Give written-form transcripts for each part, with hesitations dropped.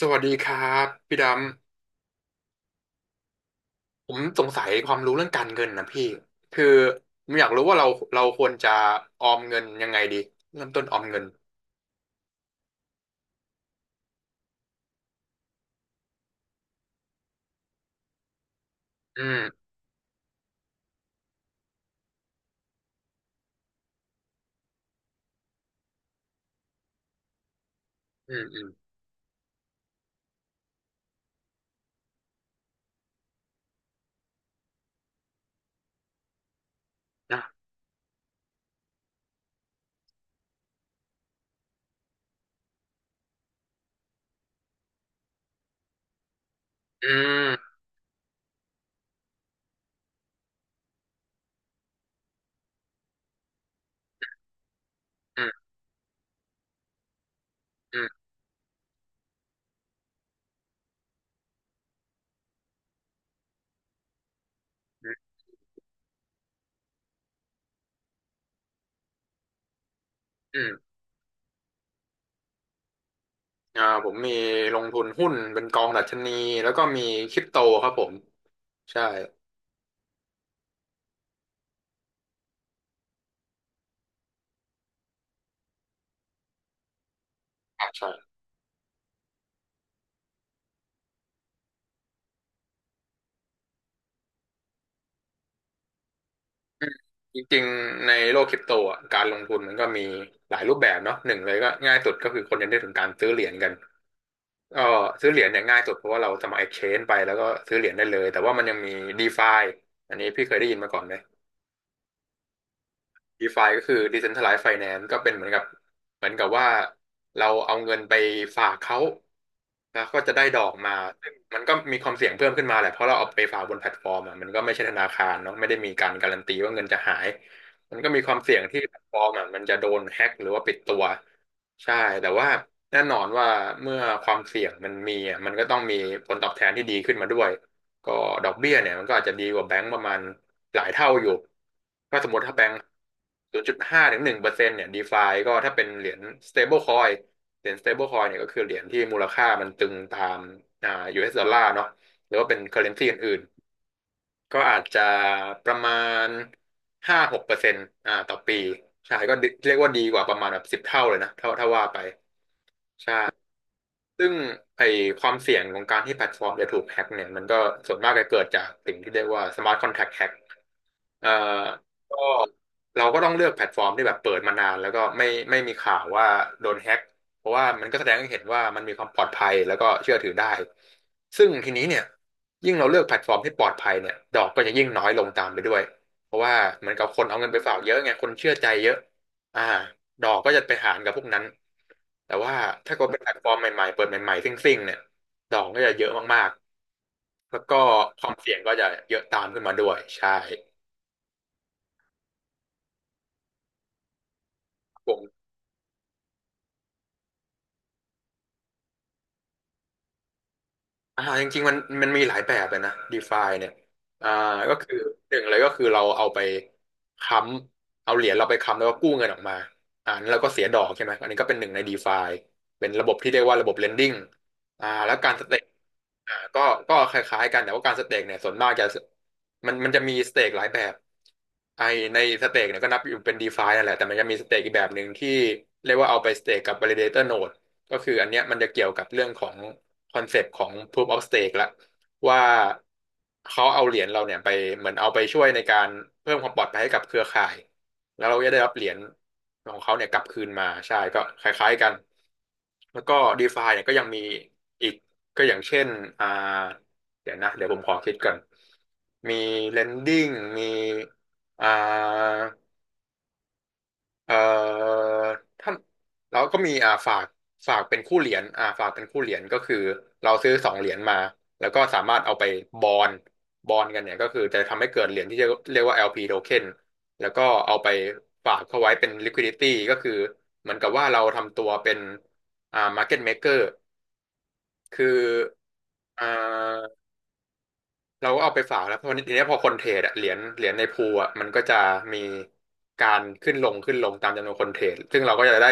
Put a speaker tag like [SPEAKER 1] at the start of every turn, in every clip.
[SPEAKER 1] สวัสดีครับพี่ดำผมสงสัยความรู้เรื่องการเงินนะพี่คือผมอยากรู้ว่าเราควรจะออมเงินยังไงดีเริ่มต้นออมเงินอืมอืมอืมนะอืมอืมอืมอืมอืมผมมีลงทุนหุ้นเป็นกองดัชนีแล้วก็มีคริปโตครับผมใช่ใช่อืมจริงๆในโลกคริปโตอ่ะการลงทุนมันก็มีหลายรูปแบบเนาะหนึ่งเลยก็ง่ายสุดก็คือคนยังได้ถึงการซื้อเหรียญกัน ก็ซื้อเหรียญเนี่ยง่ายสุดเพราะว่าเราสมัคร exchange ไปแล้วก็ซื้อเหรียญได้เลยแต่ว่ามันยังมี DeFi อันนี้พี่เคยได้ยินมาก่อนไหม DeFi ก็คือ Decentralized Finance ก็เป็นเหมือนกับว่าเราเอาเงินไปฝากเขา แล้วก็จะได้ดอกมาซึ่งมันก็มีความเสี่ยงเพิ่มขึ้นมาแหละเพราะเราเอาไปฝากบนแพลตฟอร์มอะมันก็ไม่ใช่ธนาคารเนาะไม่ได้มีการการันตีว่าเงินจะหาย มันก็มีความเสี่ยงที่แพลตฟอร์มอะมันจะโดนแฮ็กหรือว่าปิดตัวใช่แต่ว่าแน่นอนว่าเมื่อความเสี่ยงมันมีอะมันก็ต้องมีผลตอบแทนที่ดีขึ้นมาด้วยก็ดอกเบี้ยเนี่ยมันก็อาจจะดีกว่าแบงก์ประมาณหลายเท่าอยู่ถ้าสมมติถ้าแบงก์0.5-1%เนี่ยดีฟาก็ถ้าเป็นเหรียญ stable coin เหรียญ stablecoin เนี่ยก็คือเหรียญที่มูลค่ามันตึงตามอ่า US ดอลลาร์เนาะหรือว่าเป็น currency อื่นๆก็อาจจะประมาณ5-6%ต่อปีใช่ก็เรียกว่าดีกว่าประมาณแบบ10 เท่าเลยนะถ้าว่าไปใช่ซึ่งไอความเสี่ยงของการที่แพลตฟอร์มจะถูกแฮ็กเนี่ยมันก็ส่วนมากจะเกิดจากสิ่งที่เรียกว่า smart contract hack เอ่อก็เราก็ต้องเลือกแพลตฟอร์มที่แบบเปิดมานานแล้วก็ไม่มีข่าวว่าโดนแฮ็กเพราะว่ามันก็แสดงให้เห็นว่ามันมีความปลอดภัยแล้วก็เชื่อถือได้ซึ่งทีนี้เนี่ยยิ่งเราเลือกแพลตฟอร์มที่ปลอดภัยเนี่ยดอกก็จะยิ่งน้อยลงตามไปด้วยเพราะว่าเหมือนกับคนเอาเงินไปฝากเยอะไงคนเชื่อใจเยอะอ่าดอกก็จะไปหารกับพวกนั้นแต่ว่าถ้าเกิดเป็นแพลตฟอร์มใหม่ๆเปิดใหม่ๆซิ่งๆเนี่ยดอกก็จะเยอะมากๆแล้วก็ความเสี่ยงก็จะเยอะตามขึ้นมาด้วยใช่ผม จริงๆมันมีหลายแบบเลยนะ DeFi เนี่ยอ่าก็คือหนึ่งเลยก็คือเราเอาไปค้เอาเหรียญเราไปค้ำแล้วก็กู้เงินออกมานั้นเราก็เสียดอกใช่ไหมอันนี้ก็เป็นหนึ่งใน DeFi เป็นระบบที่เรียกว่าระบบ lending แล้วการสเต็กก็คล้ายๆกันแต่ว่าการสเต็กเนี่ยส่วนมากจะมันจะมีสเต็กหลายแบบไอในสเต็กเนี่ยก็นับอยู่เป็น DeFi นั่นแหละแต่มันจะมีสเต็กอีกแบบหนึ่งที่เรียกว่าเอาไปสเต็กกับ validator node ก็คืออันเนี้ยมันจะเกี่ยวกับเรื่องของ คอนเซปต์ของ Proof of Stake ละว่าเขาเอาเหรียญเราเนี่ยไปเหมือนเอาไปช่วยในการเพิ่มความปลอดภัยให้กับเครือข่ายแล้วเราจะได้รับเหรียญของเขาเนี่ยกลับคืนมาใช่ก็คล้ายๆกันแล้วก็ DeFi เนี่ยก็ยังมีอีกก็อย่างเช่นอ่าเดี๋ยวนะเดี๋ยวผมขอคิดก่อนมี Lending มีอ่า เอ่อท่านเราก็มีฝากเป็นคู่เหรียญฝากเป็นคู่เหรียญก็คือเราซื้อสองเหรียญมาแล้วก็สามารถเอาไปบอนบอนกันเนี่ยก็คือจะทำให้เกิดเหรียญที่เรียกว่า LP token แล้วก็เอาไปฝากเข้าไว้เป็น liquidity ก็คือเหมือนกับว่าเราทำตัวเป็นmarket maker คืออ่า เราก็เอาไปฝากแล้วเพราะทีนี้พอคนเทรดอะเหรียญในพูลอะมันก็จะมีการขึ้นลงขึ้นลงตามจำนวนคนเทรดซึ่งเราก็จะได้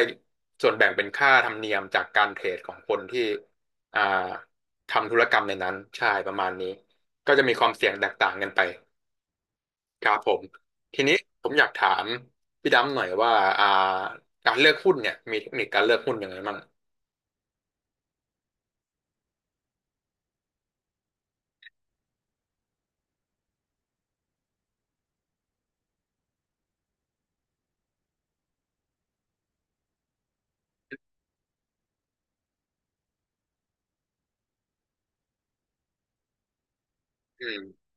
[SPEAKER 1] ส่วนแบ่งเป็นค่าธรรมเนียมจากการเทรดของคนที่อ่าทำธุรกรรมในนั้นใช่ประมาณนี้ก็จะมีความเสี่ยงแตกต่างกันไปครับผมทีนี้ผมอยากถามพี่ดำหน่อยว่าอ่าการเลือกหุ้นเนี่ยมีเทคนิคการเลือกหุ้นยังไงบ้างอืม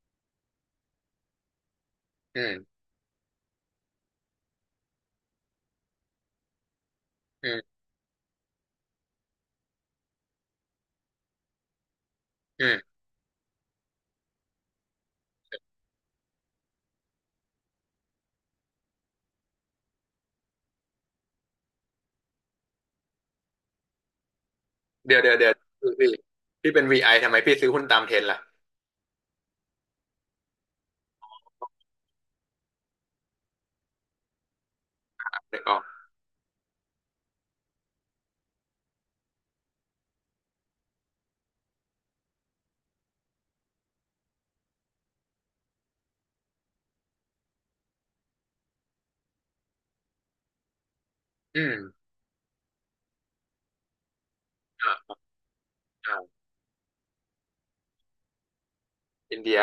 [SPEAKER 1] อืมอืมอืมเดี๋ยวเดี๋ยวเดี๋ยวพี่พี่เป็นวีไอทำไมพี่ซื้อหุ้นตามเทรนด์ล่ะนึกออก อืมอ่าอ่าอินเดีย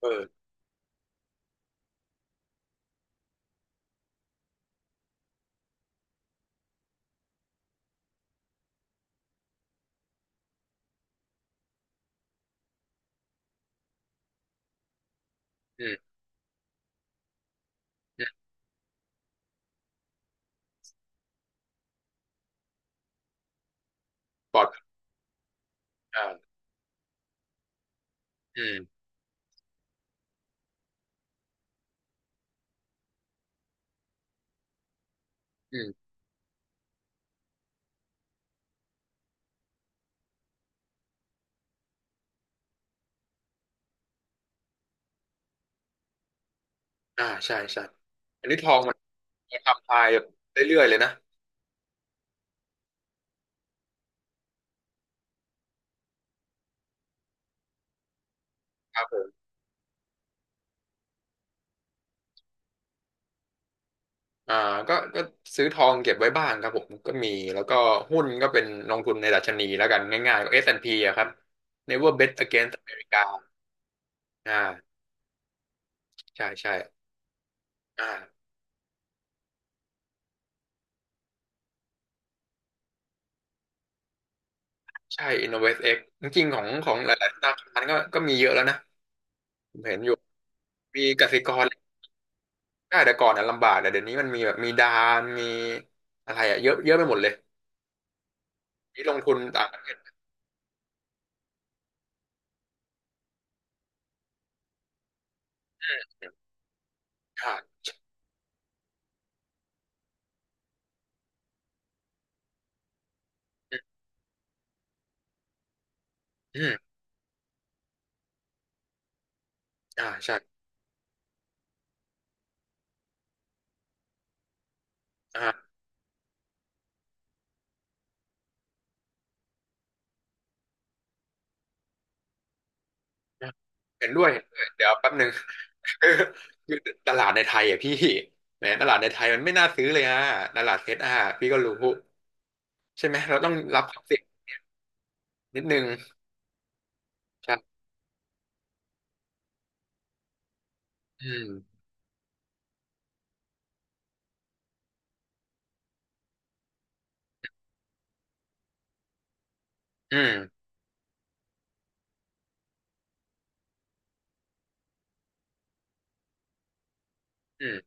[SPEAKER 1] เอออืมอืมปลอดอ่าอืม อืมใช่ ใช่อันนี้ทองมันทำลายแบบเรื่อยๆเลยนะครับผม อ่าก็ซื้อทองเก็บไว้บ้างครับผมก็มี แล้วก็หุ้นก็เป็นลงทุนในดัชนีแล้วกันง่ายๆก็ S&P อสแอนด์พีอะครับ Never Bet Against America อ่าใช่ ใช่ อ่าใช่ InnovestX จริงๆของหลายๆธนาคารก็มีเยอะแล้วนะผมเห็นอยู่มีกสิกร ได้แต่ก่อนนะลำบากแต่เดี๋ยวนี้มันมีแบบมีดานมีอะไรอะเยอะเยอะไปหมดเลยนี่ลงทุนต่างประเทศอ่าอืมอใช่อ่าเห็นด้วยเดี๋ยวแป๊บหนึ่ง คือคือตลาดในไทยอ่ะพี่แหมตลาดในไทยมันไม่น่าซื้อเลยฮะตลาดเซตอ่ะพี่ก็รู้ใช่ไหมเราต้องรับความเสี่ยงนิดนึงใช่อืมอืมอืม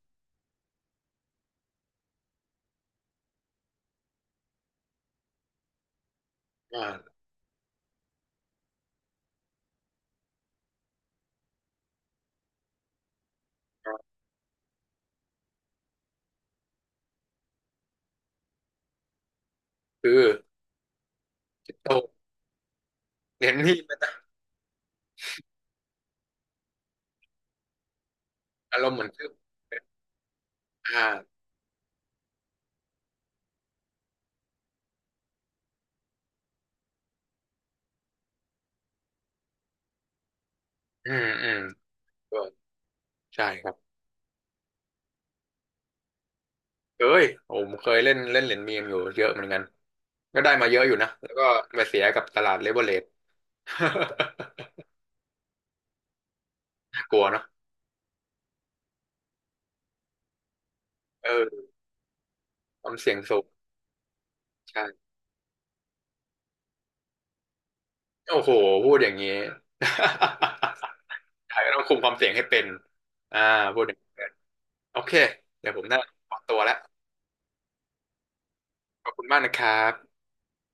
[SPEAKER 1] อ่าคือคริปโตเน้นนี่มันอารมณ์เหมือนคืออ่าอืมอืมก็ใช่ครับ เคยผมเคยเล่นเล่นเหรียญมีมอยู่เยอะเหมือนกัน ก็ได้มาเยอะอยู่นะ แล้วก็มาเสียกับตลาดเลเวอเรจ น่ากลัวเนาะเออความเสี่ยงสูงใช่โอ้โห พูดอย่างนี้ ใช่ต้องคุมความเสี่ยงให้เป็นอ่าพูดอย่างนี้โอเค เดี๋ยวผมน่าขอตัวแล้ว ขอบคุณมากนะครับ